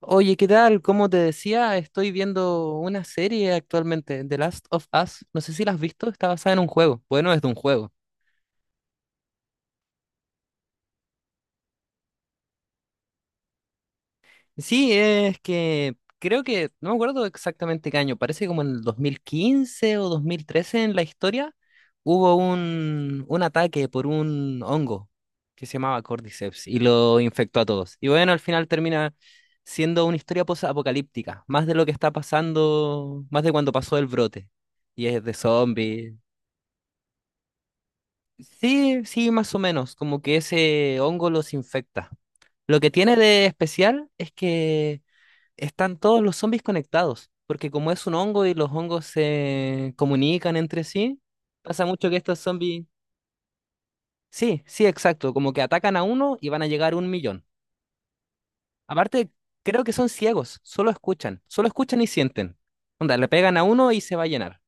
Oye, ¿qué tal? Como te decía, estoy viendo una serie actualmente, The Last of Us. No sé si la has visto, está basada en un juego. Bueno, es de un juego. Sí, es que creo que, no me acuerdo exactamente qué año, parece como en el 2015 o 2013 en la historia, hubo un ataque por un hongo que se llamaba Cordyceps y lo infectó a todos. Y bueno, al final termina siendo una historia post-apocalíptica, más de lo que está pasando, más de cuando pasó el brote. Y es de zombies. Sí, sí, más o menos, como que ese hongo los infecta. Lo que tiene de especial es que están todos los zombies conectados, porque como es un hongo y los hongos se comunican entre sí, pasa mucho que estos zombies... Sí, sí, exacto, como que atacan a uno y van a llegar a un millón. Aparte, creo que son ciegos, solo escuchan y sienten. Onda, le pegan a uno y se va a llenar.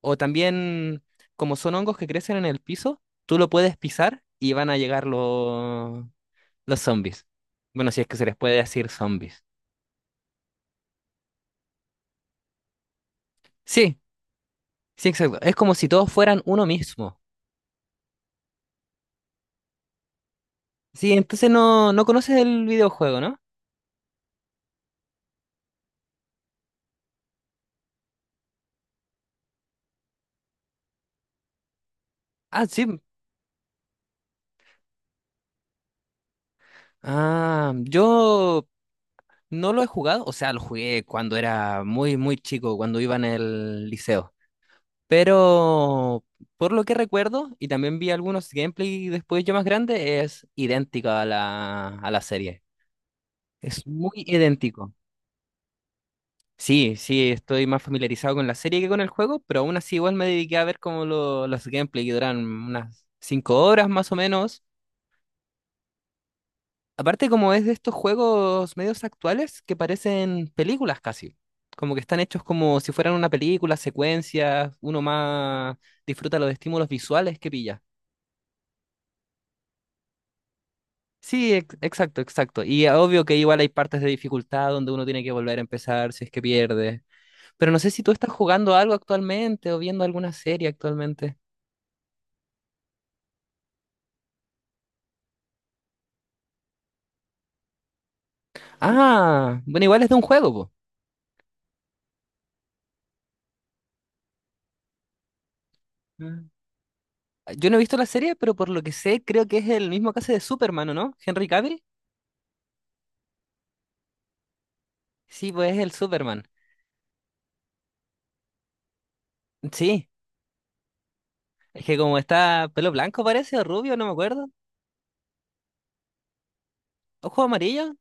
O también, como son hongos que crecen en el piso, tú lo puedes pisar y van a llegar los zombies. Bueno, si es que se les puede decir zombies. Sí, sí, exacto. Es como si todos fueran uno mismo. Sí, entonces no, no conoces el videojuego, ¿no? Ah, sí. Ah, yo no lo he jugado, o sea, lo jugué cuando era muy, muy chico, cuando iba en el liceo. Pero por lo que recuerdo, y también vi algunos gameplay después yo más grande, es idéntico a la serie. Es muy idéntico. Sí, sí, estoy más familiarizado con la serie que con el juego, pero aún así igual me dediqué a ver como los gameplay que duran unas 5 horas más o menos. Aparte como es de estos juegos medios actuales que parecen películas casi. Como que están hechos como si fueran una película, secuencias, uno más disfruta los estímulos visuales que pilla. Sí, exacto, exacto. Y obvio que igual hay partes de dificultad donde uno tiene que volver a empezar si es que pierde. Pero no sé si tú estás jugando algo actualmente o viendo alguna serie actualmente. Ah, bueno, igual es de un juego, po. Mm. Yo no he visto la serie, pero por lo que sé, creo que es el mismo caso de Superman, ¿o no? ¿Henry Cavill? Sí, pues es el Superman. Sí, es que como está pelo blanco parece, o rubio, no me acuerdo. Ojo amarillo.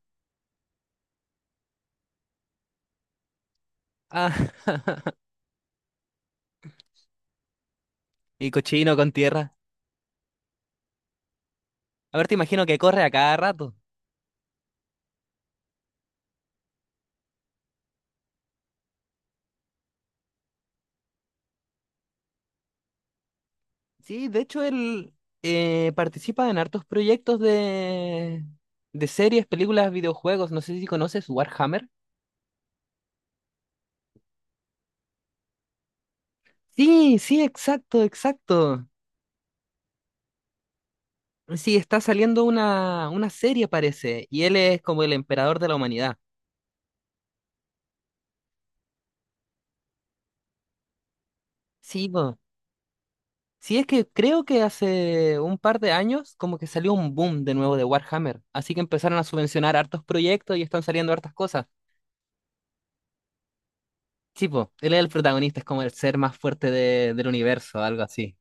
Ah, y cochino con tierra. A ver, te imagino que corre a cada rato. Sí, de hecho él participa en hartos proyectos de series, películas, videojuegos. No sé si conoces Warhammer. Sí, sí, exacto, exacto. Sí, está saliendo una serie, parece, y él es como el emperador de la humanidad. Sí, po. Sí, es que creo que hace un par de años como que salió un boom de nuevo de Warhammer, así que empezaron a subvencionar hartos proyectos y están saliendo hartas cosas. Sí, po, él es el protagonista, es como el ser más fuerte del universo, algo así.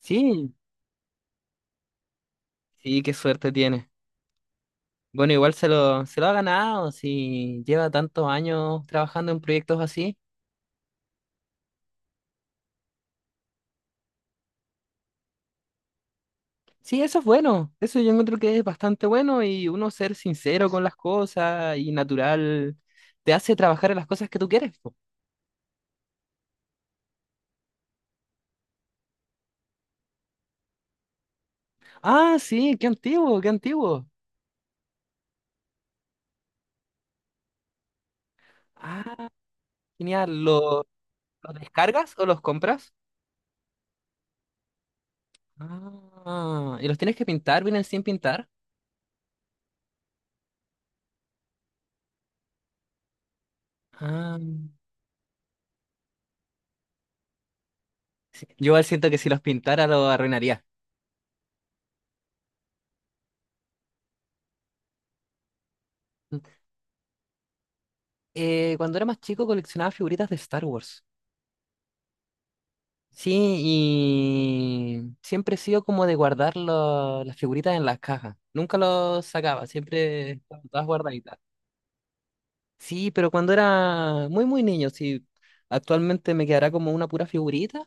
Sí, sí, qué suerte tiene. Bueno, igual se lo ha ganado si lleva tantos años trabajando en proyectos así. Sí, eso es bueno. Eso yo encuentro que es bastante bueno y uno ser sincero con las cosas y natural te hace trabajar en las cosas que tú quieres. Po. Ah, sí, qué antiguo, qué antiguo. Ah, genial. ¿Los descargas o los compras? Ah, ¿y los tienes que pintar? ¿Vienen sin pintar? Ah, sí. Yo igual siento que si los pintara lo arruinaría. Cuando era más chico coleccionaba figuritas de Star Wars. Sí, y siempre he sido como de guardar las figuritas en las cajas. Nunca los sacaba, siempre estaban todas guardaditas. Sí, pero cuando era muy, muy niño, sí. Actualmente me quedará como una pura figurita,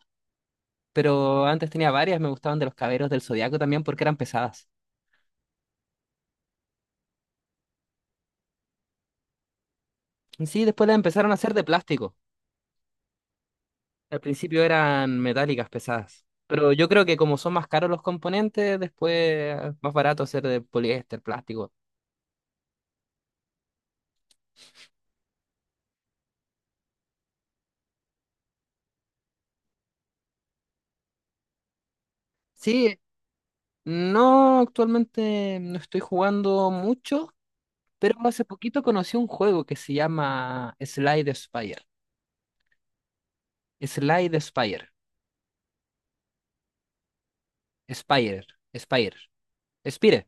pero antes tenía varias, me gustaban de los caberos del Zodiaco también porque eran pesadas. Sí, después las empezaron a hacer de plástico. Al principio eran metálicas pesadas, pero yo creo que como son más caros los componentes, después más barato hacer de poliéster, plástico. Sí, no, actualmente no estoy jugando mucho, pero hace poquito conocí un juego que se llama Slide Spire. Slide Spire. Spire. Spire. Spire.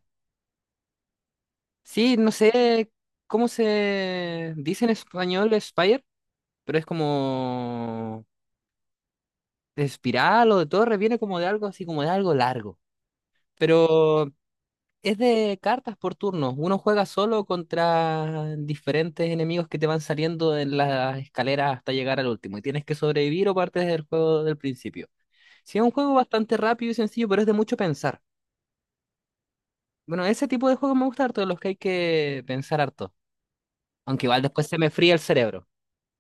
Sí, no sé cómo se dice en español Spire, pero es como de espiral o de torre, viene como de algo así, como de algo largo. Pero es de cartas por turnos. Uno juega solo contra diferentes enemigos que te van saliendo en las escaleras hasta llegar al último. Y tienes que sobrevivir o partes del juego del principio. Sí, es un juego bastante rápido y sencillo, pero es de mucho pensar. Bueno, ese tipo de juegos me gusta harto, de los que hay que pensar harto. Aunque igual después se me fría el cerebro.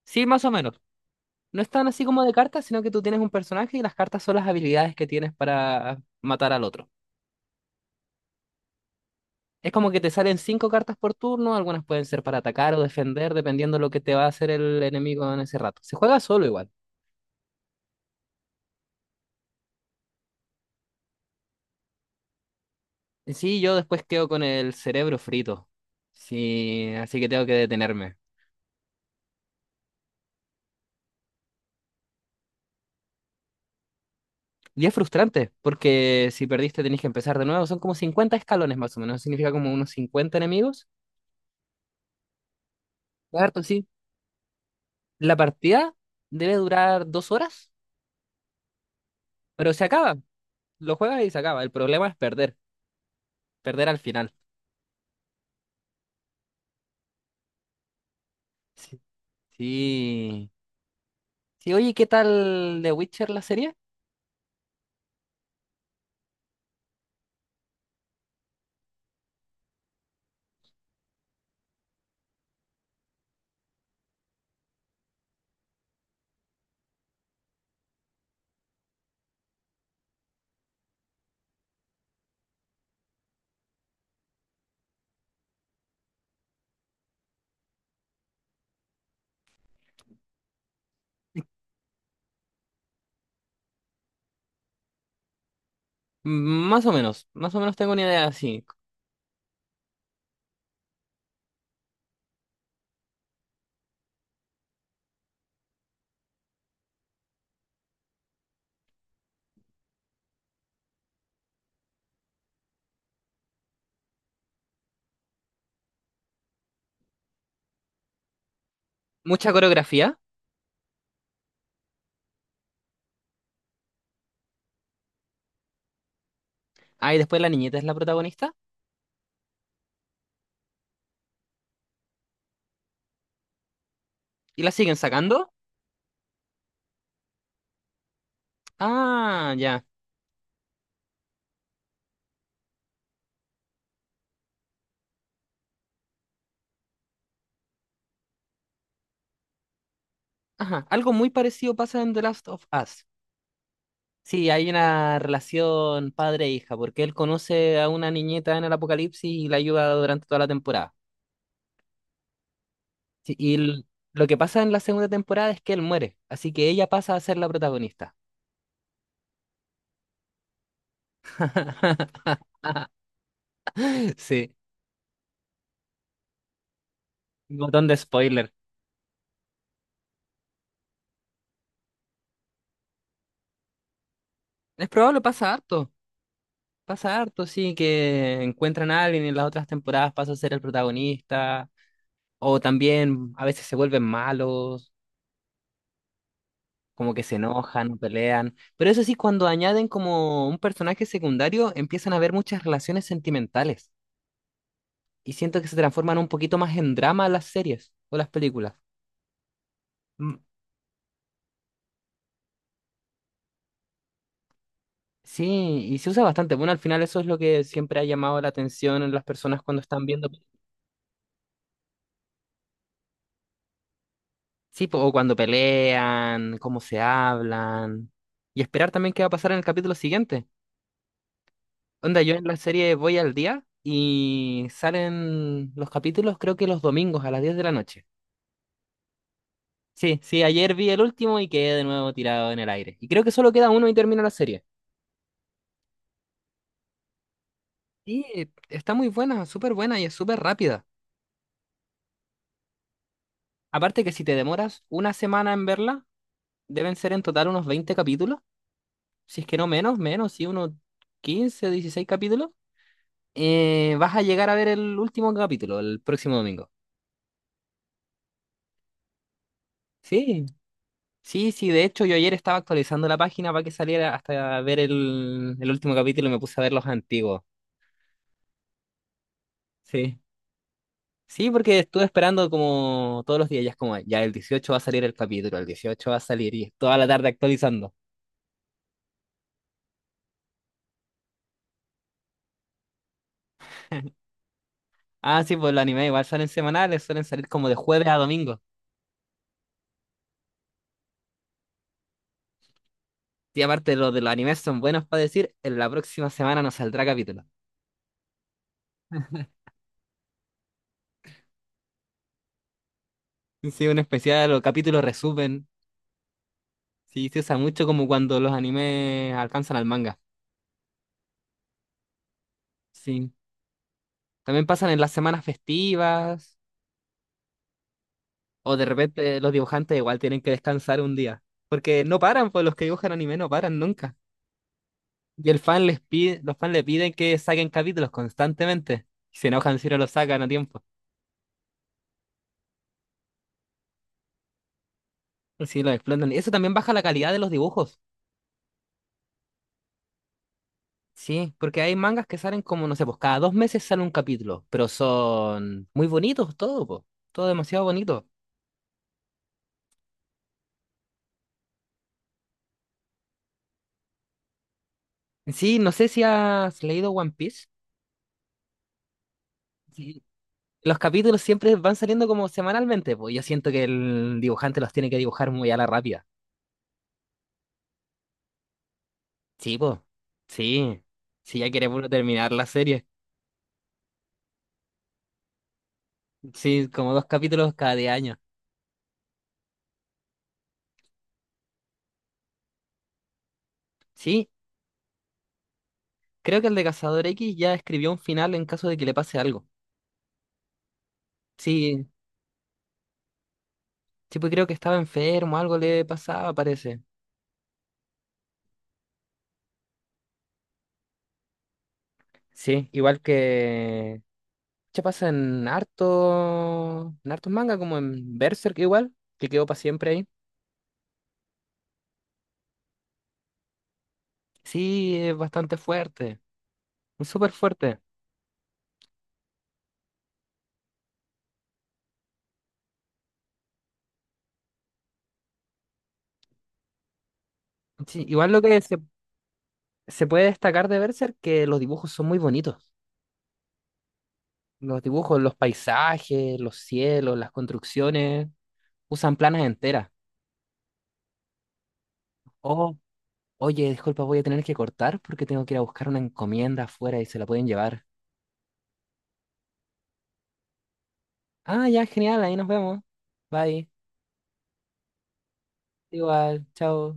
Sí, más o menos. No es tan así como de cartas, sino que tú tienes un personaje y las cartas son las habilidades que tienes para matar al otro. Es como que te salen cinco cartas por turno, algunas pueden ser para atacar o defender, dependiendo de lo que te va a hacer el enemigo en ese rato. Se juega solo igual. Y sí, yo después quedo con el cerebro frito. Sí, así que tengo que detenerme. Y es frustrante, porque si perdiste tenés que empezar de nuevo. Son como 50 escalones más o menos, significa como unos 50 enemigos. Harto, sí. La partida debe durar 2 horas, pero se acaba. Lo juegas y se acaba. El problema es perder, perder al final. Sí. Sí. Sí, oye, ¿qué tal The Witcher la serie? Mm, más o menos, más o menos tengo una idea así. Mucha coreografía. Ah, y después la niñeta es la protagonista. ¿Y la siguen sacando? Ah, ya. Ajá. Algo muy parecido pasa en The Last of Us. Sí, hay una relación padre-hija, porque él conoce a una niñeta en el apocalipsis y la ayuda durante toda la temporada. Sí, lo que pasa en la segunda temporada es que él muere, así que ella pasa a ser la protagonista. Sí, un montón de spoiler. Es probable, pasa harto. Pasa harto, sí, que encuentran a alguien y en las otras temporadas pasa a ser el protagonista, o también a veces se vuelven malos, como que se enojan, pelean. Pero eso sí, cuando añaden como un personaje secundario, empiezan a haber muchas relaciones sentimentales y siento que se transforman un poquito más en drama las series o las películas. Mm, sí, y se usa bastante. Bueno, al final eso es lo que siempre ha llamado la atención en las personas cuando están viendo. Sí, po, o cuando pelean, cómo se hablan. Y esperar también qué va a pasar en el capítulo siguiente. Onda, yo en la serie voy al día y salen los capítulos creo que los domingos a las 10 de la noche. Sí, sí, ayer vi el último y quedé de nuevo tirado en el aire. Y creo que solo queda uno y termina la serie. Sí, está muy buena, súper buena y es súper rápida. Aparte que si te demoras una semana en verla, deben ser en total unos 20 capítulos. Si es que no menos, menos, sí, unos 15 16 capítulos. Vas a llegar a ver el último capítulo, el próximo domingo. Sí, sí, sí. De hecho, yo ayer estaba actualizando la página para que saliera hasta ver el último capítulo y me puse a ver los antiguos. Sí. Sí, porque estuve esperando como todos los días, ya es como, ya el 18 va a salir el capítulo, el 18 va a salir y toda la tarde actualizando. Ah, sí, pues los animes igual salen semanales, suelen salir como de jueves a domingo. Y aparte los de los animes son buenos para decir, en la próxima semana nos saldrá capítulo. Sí, un especial o capítulo resumen. Sí, se usa mucho como cuando los animes alcanzan al manga. Sí. También pasan en las semanas festivas o de repente los dibujantes igual tienen que descansar un día. Porque no paran, pues los que dibujan anime no paran nunca. Y el fan les pide, los fans le piden que saquen capítulos constantemente. Y se enojan si no los sacan a tiempo. Sí, los explotan. Y eso también baja la calidad de los dibujos. Sí, porque hay mangas que salen como, no sé, pues cada 2 meses sale un capítulo, pero son muy bonitos todo, pues, todo demasiado bonito. Sí, no sé si has leído One Piece. Sí. Los capítulos siempre van saliendo como semanalmente, pues yo siento que el dibujante los tiene que dibujar muy a la rápida. Sí, pues. Sí. Si ya quiere puro terminar la serie. Sí, como 2 capítulos cada 10 años. Sí, creo que el de Cazador X ya escribió un final en caso de que le pase algo. Sí, sí, pues creo que estaba enfermo, algo le pasaba, parece. Sí, igual que... ¿Qué pasa en harto... en hartos manga, como en Berserk igual, que quedó para siempre ahí. Sí, es bastante fuerte, es súper fuerte. Sí, igual lo que se puede destacar de Berserk que los dibujos son muy bonitos. Los dibujos, los paisajes, los cielos, las construcciones, usan planas enteras. Oh, oye, disculpa, voy a tener que cortar porque tengo que ir a buscar una encomienda afuera y se la pueden llevar. Ah, ya, genial, ahí nos vemos. Bye. Igual, chao.